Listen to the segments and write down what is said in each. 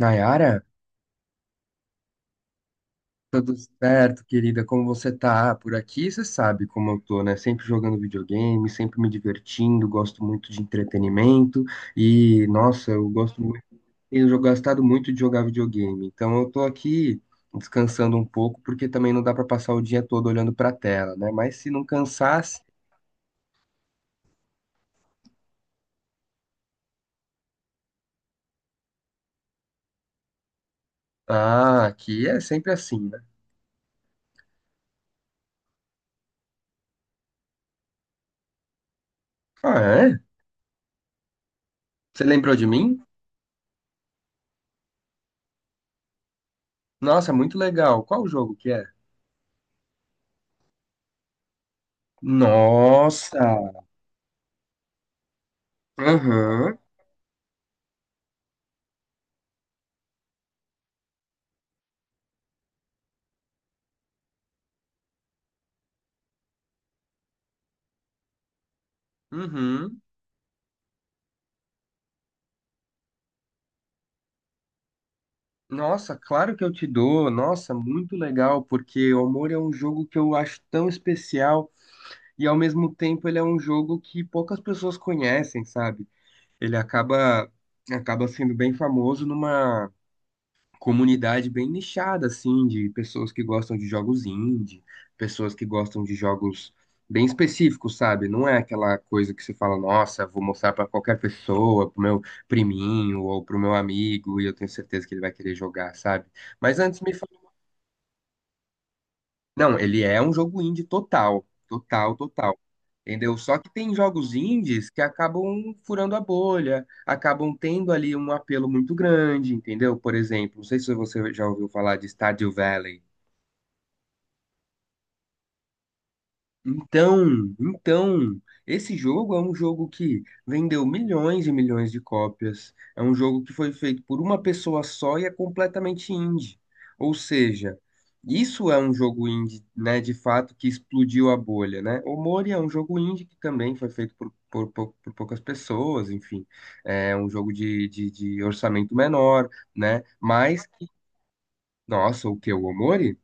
Nayara, tudo certo, querida? Como você tá? Por aqui, você sabe como eu tô, né? Sempre jogando videogame, sempre me divertindo, gosto muito de entretenimento e, nossa, eu gosto muito, tenho gostado muito de jogar videogame. Então eu tô aqui descansando um pouco, porque também não dá pra passar o dia todo olhando pra tela, né? Mas se não cansasse, ah, aqui é sempre assim, né? Ah, é? Você lembrou de mim? Nossa, muito legal. Qual o jogo que é? Nossa! Aham. Uhum. Nossa, claro que eu te dou. Nossa, muito legal, porque o Amor é um jogo que eu acho tão especial e ao mesmo tempo ele é um jogo que poucas pessoas conhecem, sabe? Ele acaba sendo bem famoso comunidade bem nichada, assim, de pessoas que gostam de jogos indie, pessoas que gostam de jogos bem específicos, sabe? Não é aquela coisa que você fala, nossa, vou mostrar pra qualquer pessoa, pro meu priminho ou pro meu amigo, e eu tenho certeza que ele vai querer jogar, sabe? Mas antes me fala não, ele é um jogo indie total, total, total. Entendeu? Só que tem jogos indies que acabam furando a bolha, acabam tendo ali um apelo muito grande, entendeu? Por exemplo, não sei se você já ouviu falar de Stardew Valley. Então, esse jogo é um jogo que vendeu milhões e milhões de cópias. É um jogo que foi feito por uma pessoa só e é completamente indie. Ou seja, isso é um jogo indie, né, de fato, que explodiu a bolha, né? O Mori é um jogo indie que também foi feito por poucas pessoas, enfim. É um jogo de orçamento menor, né? Mas, nossa, o que? O Omori?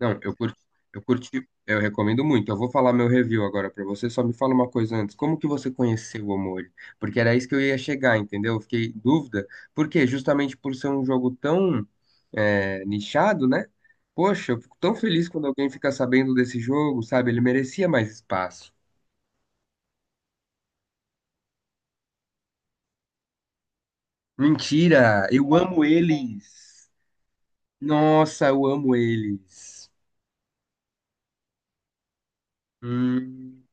Não, eu curti, eu recomendo muito. Eu vou falar meu review agora pra você, só me fala uma coisa antes. Como que você conheceu o Omori? Porque era isso que eu ia chegar, entendeu? Eu fiquei em dúvida. Por quê? Justamente por ser um jogo tão nichado, né? Poxa, eu fico tão feliz quando alguém fica sabendo desse jogo, sabe? Ele merecia mais espaço. Mentira! Eu amo eles! Nossa, eu amo eles! Hum.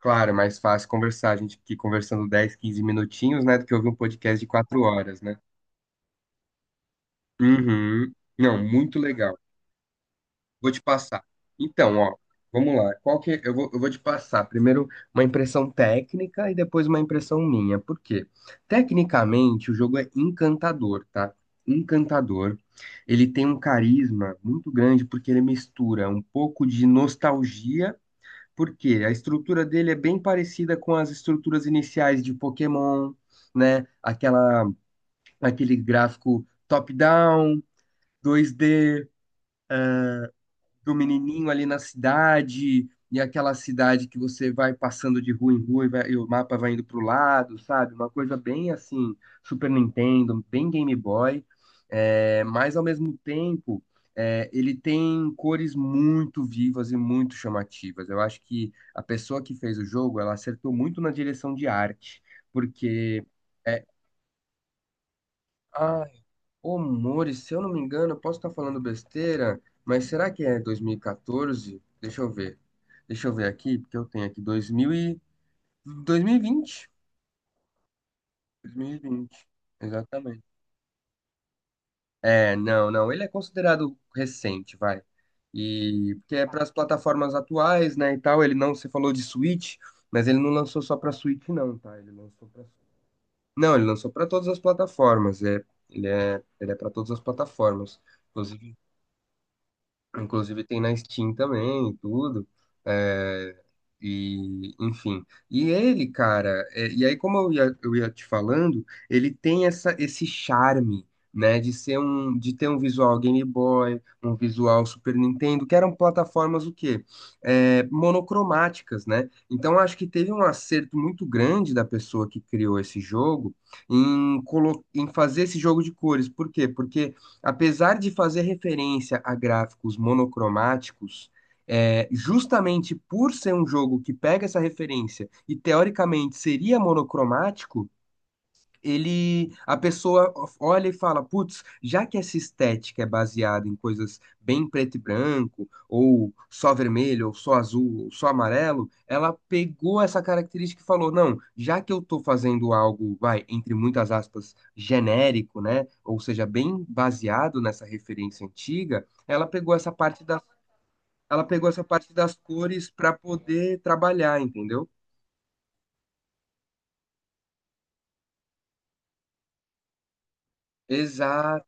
Claro, é mais fácil conversar. A gente aqui conversando 10, 15 minutinhos, né? Do que ouvir um podcast de 4 horas, né? Uhum. Não, muito legal. Vou te passar. Então, ó, vamos lá. Qual que é, eu vou te passar primeiro uma impressão técnica e depois uma impressão minha. Por quê? Tecnicamente, o jogo é encantador, tá? Encantador. Ele tem um carisma muito grande porque ele mistura um pouco de nostalgia. Por quê? A estrutura dele é bem parecida com as estruturas iniciais de Pokémon, né? Aquele gráfico top-down, 2D, do menininho ali na cidade, e aquela cidade que você vai passando de rua em rua e, e o mapa vai indo pro lado, sabe? Uma coisa bem assim, Super Nintendo, bem Game Boy, mas ao mesmo tempo. Ele tem cores muito vivas e muito chamativas. Eu acho que a pessoa que fez o jogo, ela acertou muito na direção de arte, porque é, ah, ô, Mori, se eu não me engano, eu posso estar falando besteira, mas será que é 2014? Deixa eu ver. Deixa eu ver aqui, porque eu tenho aqui 2000 e... 2020. 2020, exatamente. É, não, não, ele é considerado recente, vai. E porque é para as plataformas atuais, né, e tal, ele não, você falou de Switch, mas ele não lançou só para Switch não, tá? Ele lançou para não, ele lançou para todas as plataformas, ele é para todas as plataformas. Inclusive tem na Steam também e tudo. É, e, enfim. E ele, cara, e aí, como eu ia te falando, ele tem esse charme, né, de ser um, de ter um visual Game Boy, um visual Super Nintendo, que eram plataformas o quê? É, monocromáticas, né? Então acho que teve um acerto muito grande da pessoa que criou esse jogo em, colo em fazer esse jogo de cores. Por quê? Porque apesar de fazer referência a gráficos monocromáticos, justamente por ser um jogo que pega essa referência e teoricamente seria monocromático, ele, a pessoa olha e fala, putz, já que essa estética é baseada em coisas bem preto e branco, ou só vermelho, ou só azul, ou só amarelo, ela pegou essa característica e falou, não, já que eu tô fazendo algo, vai, entre muitas aspas, genérico, né? Ou seja, bem baseado nessa referência antiga, ela pegou essa parte das cores para poder trabalhar, entendeu? Exato.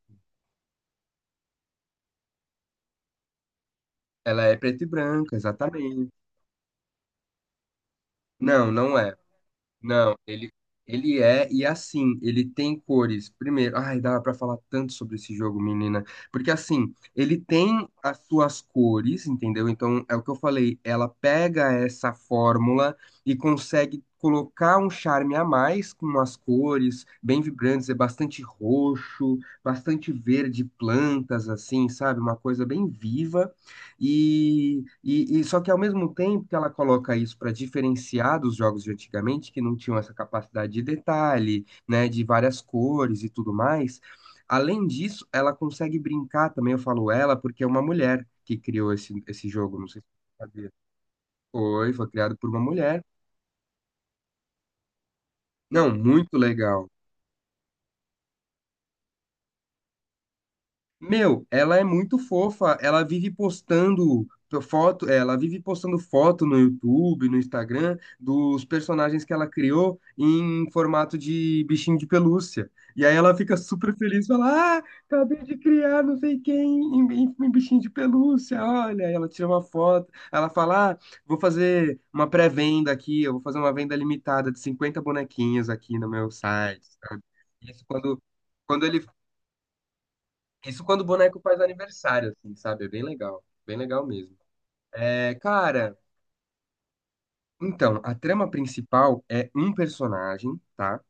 Ela é preto e branco, exatamente. Não, não é. Não, e é assim, ele tem cores. Primeiro, ai, dava pra falar tanto sobre esse jogo, menina. Porque assim, ele tem as suas cores, entendeu? Então, é o que eu falei, ela pega essa fórmula e consegue colocar um charme a mais com as cores bem vibrantes, é bastante roxo, bastante verde, plantas, assim, sabe? Uma coisa bem viva. E só que ao mesmo tempo que ela coloca isso para diferenciar dos jogos de antigamente, que não tinham essa capacidade de detalhe, né, de várias cores e tudo mais, além disso, ela consegue brincar também, eu falo ela, porque é uma mulher que criou esse jogo, não sei se você sabia. Foi criado por uma mulher. Não, muito legal. Meu, ela é muito fofa, ela vive postando foto no YouTube, no Instagram, dos personagens que ela criou em formato de bichinho de pelúcia. E aí ela fica super feliz, fala, ah, acabei de criar não sei quem em bichinho de pelúcia, olha, aí ela tira uma foto, ela fala, ah, vou fazer uma pré-venda aqui, eu vou fazer uma venda limitada de 50 bonequinhos aqui no meu site, sabe? Isso quando... Quando ele isso quando o boneco faz aniversário, assim, sabe? É bem legal. Bem legal mesmo. É, cara, então, a trama principal é um personagem, tá?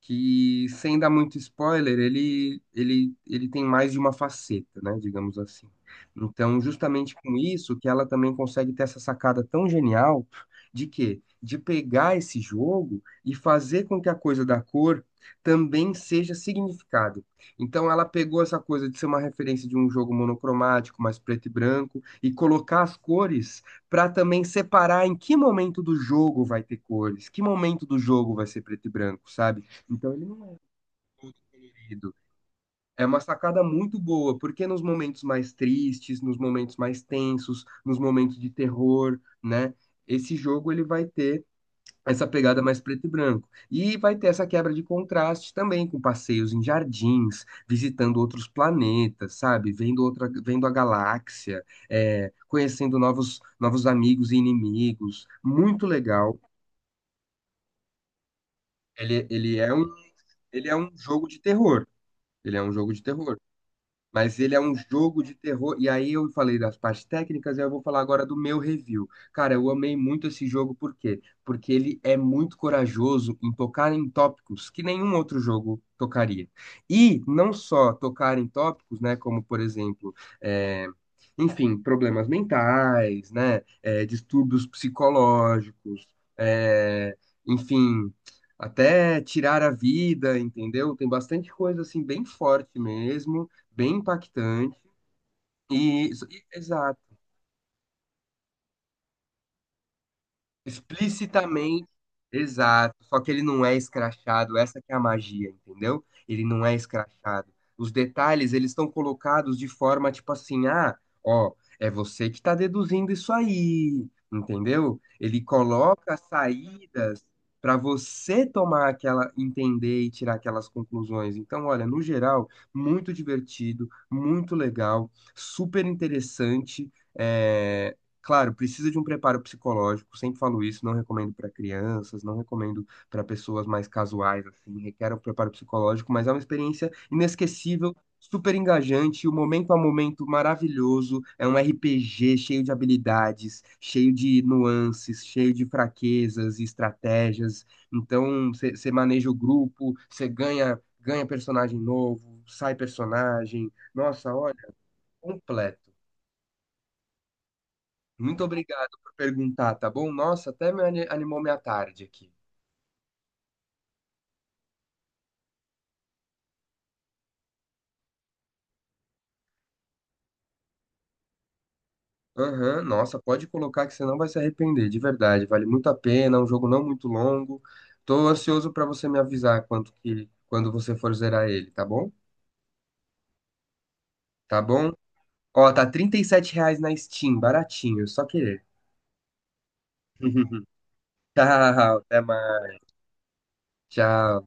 Que, sem dar muito spoiler, ele tem mais de uma faceta, né, digamos assim. Então, justamente com isso, que ela também consegue ter essa sacada tão genial de quê? De pegar esse jogo e fazer com que a coisa da cor também seja significado. Então, ela pegou essa coisa de ser uma referência de um jogo monocromático, mais preto e branco, e colocar as cores para também separar em que momento do jogo vai ter cores, que momento do jogo vai ser preto e branco, sabe? Então ele não é querido. É uma sacada muito boa, porque nos momentos mais tristes, nos momentos mais tensos, nos momentos de terror, né? Esse jogo ele vai ter essa pegada mais preto e branco. E vai ter essa quebra de contraste também com passeios em jardins, visitando outros planetas, sabe? Vendo outra, vendo a galáxia, conhecendo novos amigos e inimigos. Muito legal. Ele, ele é um, ele é um jogo de terror. Ele é um jogo de terror. Mas ele é um jogo de terror. E aí eu falei das partes técnicas, e eu vou falar agora do meu review. Cara, eu amei muito esse jogo, por quê? Porque ele é muito corajoso em tocar em tópicos que nenhum outro jogo tocaria. E não só tocar em tópicos, né? Como, por exemplo, é, enfim, problemas mentais, né? Distúrbios psicológicos, é, enfim. Até tirar a vida, entendeu? Tem bastante coisa assim bem forte mesmo, bem impactante. Exato. Explicitamente, exato. Só que ele não é escrachado, essa que é a magia, entendeu? Ele não é escrachado. Os detalhes, eles estão colocados de forma tipo assim, ah, ó, é você que está deduzindo isso aí, entendeu? Ele coloca saídas para você tomar aquela, entender e tirar aquelas conclusões. Então, olha, no geral, muito divertido, muito legal, super interessante. eh, Claro, precisa de um preparo psicológico, sempre falo isso, não recomendo para crianças, não recomendo para pessoas mais casuais, assim, requer um preparo psicológico, mas é uma experiência inesquecível, super engajante, o momento a momento maravilhoso, é um RPG cheio de habilidades, cheio de nuances, cheio de fraquezas e estratégias, então você maneja o grupo, você ganha personagem novo, sai personagem, nossa, olha, completo. Muito obrigado por perguntar, tá bom? Nossa, até me animou minha tarde aqui. Aham, nossa, pode colocar que você não vai se arrepender, de verdade. Vale muito a pena, é um jogo não muito longo. Tô ansioso pra você me avisar quanto que quando você for zerar ele, tá bom? Tá bom? Ó, tá R$ 37 na Steam, baratinho, só querer. Tchau, até mais. Tchau.